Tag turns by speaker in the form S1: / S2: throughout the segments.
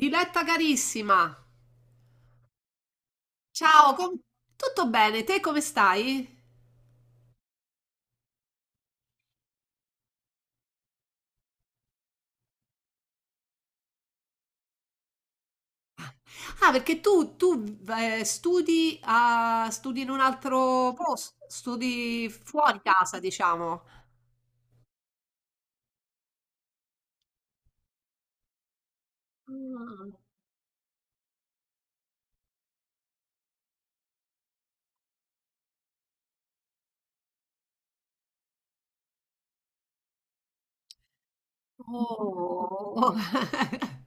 S1: Diletta carissima, ciao, tutto bene? Te come stai? Ah, perché tu, studi, studi in un altro posto, studi fuori casa, diciamo. Ah, oh,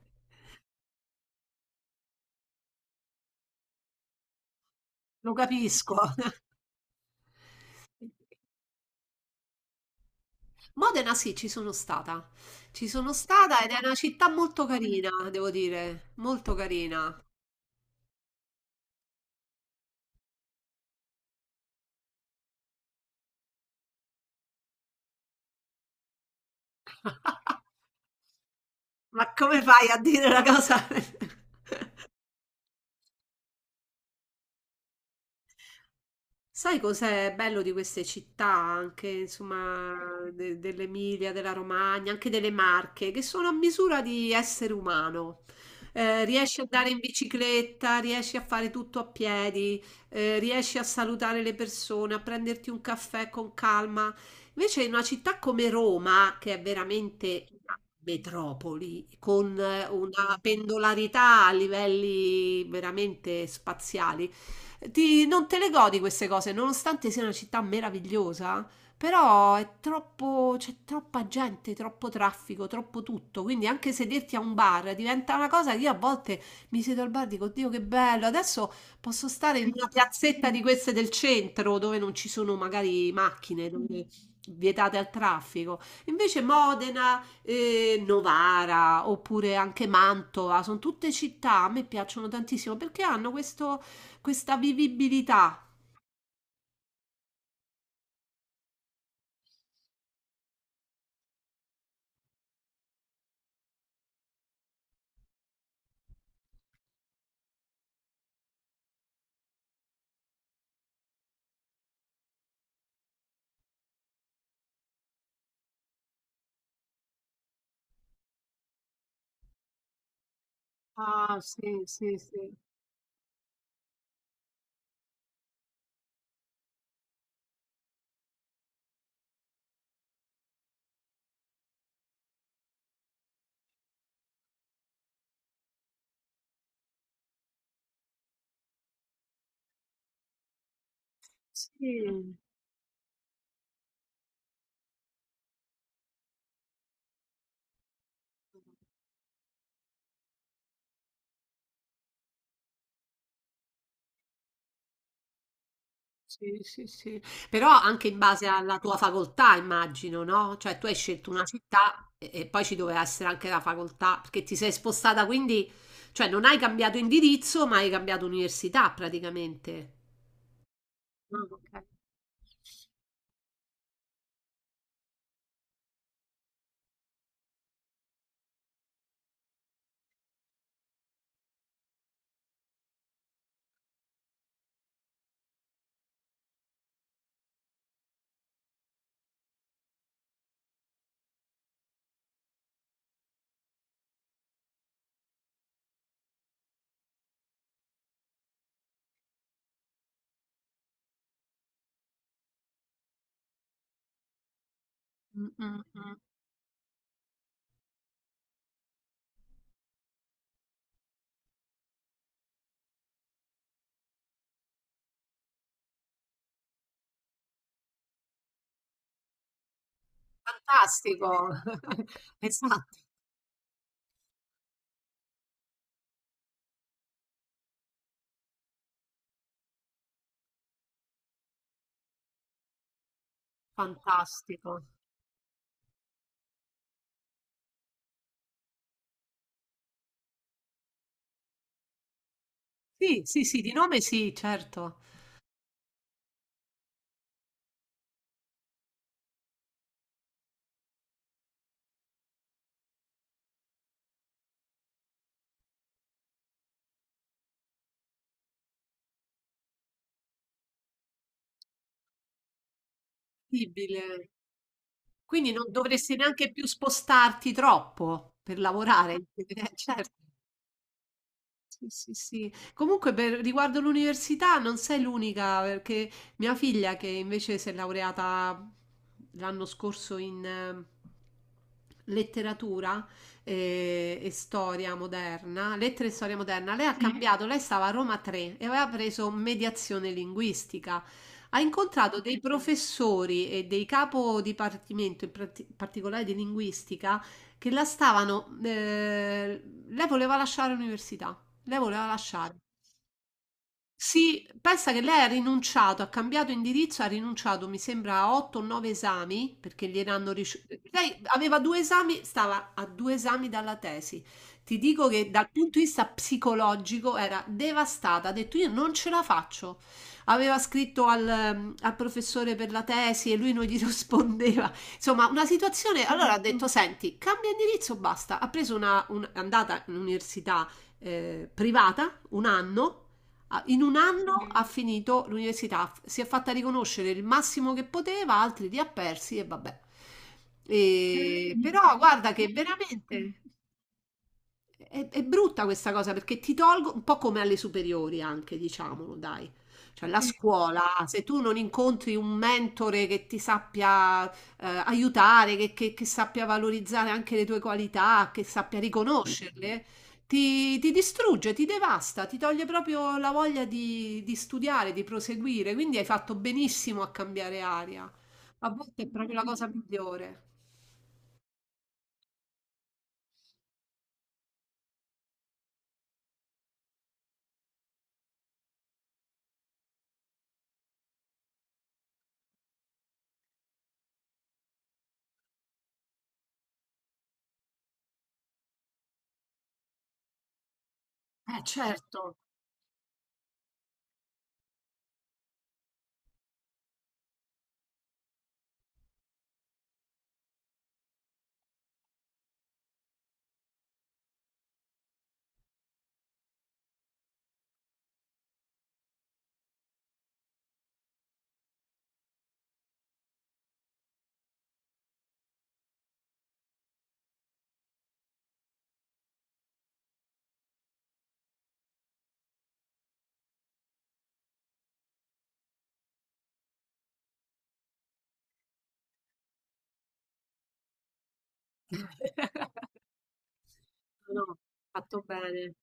S1: lo capisco. Modena sì, ci sono stata. Ci sono stata ed è una città molto carina, devo dire, molto carina. Ma come fai a dire una cosa? Sai cos'è bello di queste città anche, insomma, dell'Emilia, della Romagna, anche delle Marche, che sono a misura di essere umano. Riesci ad andare in bicicletta, riesci a fare tutto a piedi, riesci a salutare le persone, a prenderti un caffè con calma. Invece in una città come Roma, che è veramente una metropoli, con una pendolarità a livelli veramente spaziali, non te le godi queste cose, nonostante sia una città meravigliosa, però è troppo, c'è troppa gente, troppo traffico, troppo tutto, quindi anche sederti a un bar diventa una cosa che io a volte mi siedo al bar e dico: Dio, che bello, adesso posso stare in una piazzetta di queste del centro dove non ci sono magari macchine, dove vietate al traffico. Invece Modena, Novara oppure anche Mantova, sono tutte città, a me piacciono tantissimo perché hanno questo, questa vivibilità. Ah, sì, sì, sì. Sì, sì, sì, sì. Però anche in base alla tua facoltà, immagino, no? Cioè tu hai scelto una città e poi ci doveva essere anche la facoltà, perché ti sei spostata, quindi, cioè non hai cambiato indirizzo, ma hai cambiato università praticamente. Ah, ok. Mm, mm, mm. Fantastico. Esatto, fantastico. Sì, sì, sì, di nome sì, certo. Incredibile. Quindi non dovresti neanche più spostarti troppo per lavorare? Certo. Sì, sì, sì. Comunque per riguardo l'università non sei l'unica, perché mia figlia che invece si è laureata l'anno scorso in letteratura e, storia moderna, lettere e storia moderna, lei ha, sì, cambiato, lei stava a Roma 3 e aveva preso mediazione linguistica. Ha incontrato dei professori e dei capo dipartimento, in particolare di linguistica, che la stavano, lei voleva lasciare l'università. Lei voleva lasciare. Sì, pensa che lei ha rinunciato, ha cambiato indirizzo, ha rinunciato, mi sembra, a 8 o 9 esami, perché gliel'hanno ricevuto. Lei aveva due esami, stava a due esami dalla tesi. Ti dico che dal punto di vista psicologico era devastata, ha detto: io non ce la faccio. Aveva scritto al professore per la tesi e lui non gli rispondeva. Insomma, una situazione. Allora ha detto: senti, cambia indirizzo, basta. Ha preso è andata in università privata un anno. Ah, in un anno ha finito l'università, si è fatta riconoscere il massimo che poteva, altri li ha persi e vabbè. Però guarda che veramente. È brutta questa cosa perché ti tolgo un po' come alle superiori anche, diciamolo, dai. Cioè, la scuola, se tu non incontri un mentore che ti sappia aiutare, che sappia valorizzare anche le tue qualità, che sappia riconoscerle, ti distrugge, ti devasta, ti toglie proprio la voglia di studiare, di proseguire. Quindi hai fatto benissimo a cambiare aria. A volte è proprio la cosa migliore. Certo. No, no, fatto bene.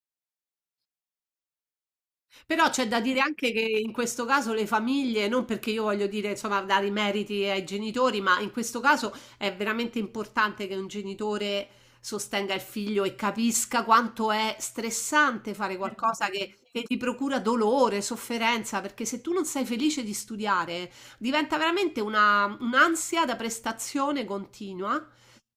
S1: Però c'è da dire anche che in questo caso le famiglie, non perché io voglio dire, insomma, dare i meriti ai genitori, ma in questo caso è veramente importante che un genitore sostenga il figlio e capisca quanto è stressante fare qualcosa che ti procura dolore, sofferenza, perché se tu non sei felice di studiare, diventa veramente un'ansia da prestazione continua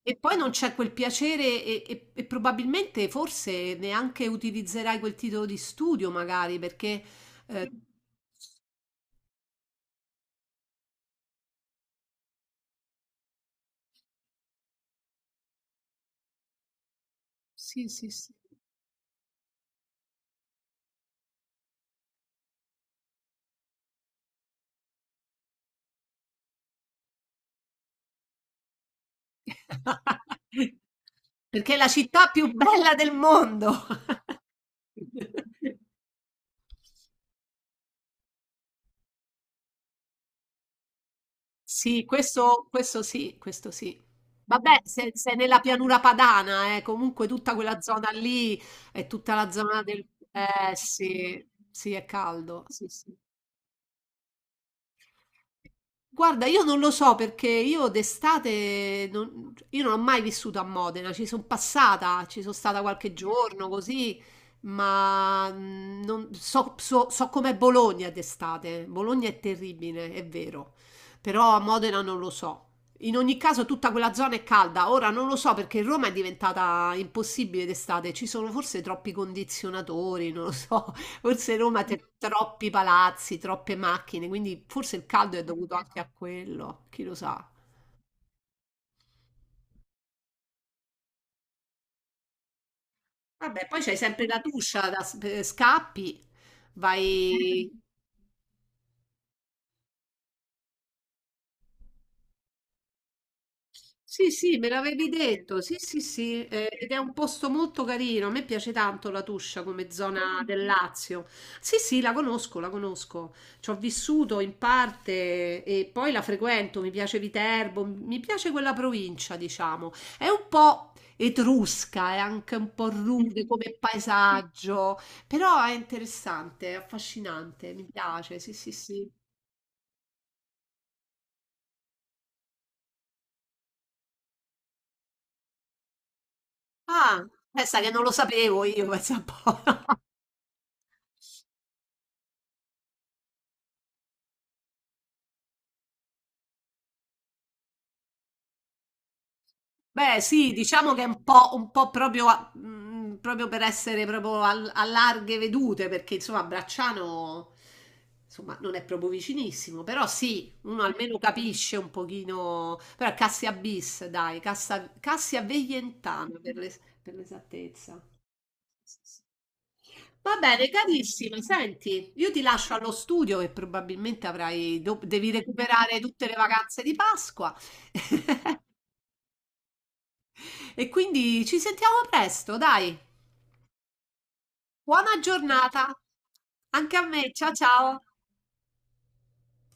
S1: e poi non c'è quel piacere e probabilmente forse neanche utilizzerai quel titolo di studio, magari, perché eh, sì, sì, sì. Perché è la città più bella del mondo. Sì, questo sì, questo sì. Vabbè, se sei nella pianura padana, comunque tutta quella zona lì è tutta la zona del... Eh sì, sì, è caldo. Sì, sì. Guarda, io non lo so perché io d'estate non, io non ho mai vissuto a Modena, ci sono passata, ci sono stata qualche giorno così, ma non so com'è Bologna d'estate. Bologna è terribile, è vero, però a Modena non lo so. In ogni caso tutta quella zona è calda, ora non lo so perché Roma è diventata impossibile d'estate, ci sono forse troppi condizionatori, non lo so. Forse Roma ha troppi palazzi, troppe macchine, quindi forse il caldo è dovuto anche a quello, chi lo sa. Vabbè, poi c'hai sempre la Tuscia, scappi, vai. Sì, sì, me l'avevi detto, sì, sì, sì, ed è un posto molto carino, a me piace tanto la Tuscia come zona del Lazio. Sì, sì, la conosco, ci ho vissuto in parte e poi la frequento, mi piace Viterbo, mi piace quella provincia, diciamo. È un po' etrusca, è anche un po' rude come paesaggio, però è interessante, è affascinante, mi piace, sì, sì, sì. Ah, pensa che non lo sapevo io, pensa un po'. Beh, sì, diciamo che è un po' proprio, proprio per essere proprio a larghe vedute, perché insomma Bracciano insomma, non è proprio vicinissimo, però sì, uno almeno capisce un pochino, però è Cassia bis, dai, Cassia Veientana per l'esattezza. Va bene, carissima, senti, io ti lascio allo studio che probabilmente avrai, devi recuperare tutte le vacanze di Pasqua e quindi ci sentiamo presto, dai. Buona giornata anche a me. Ciao ciao.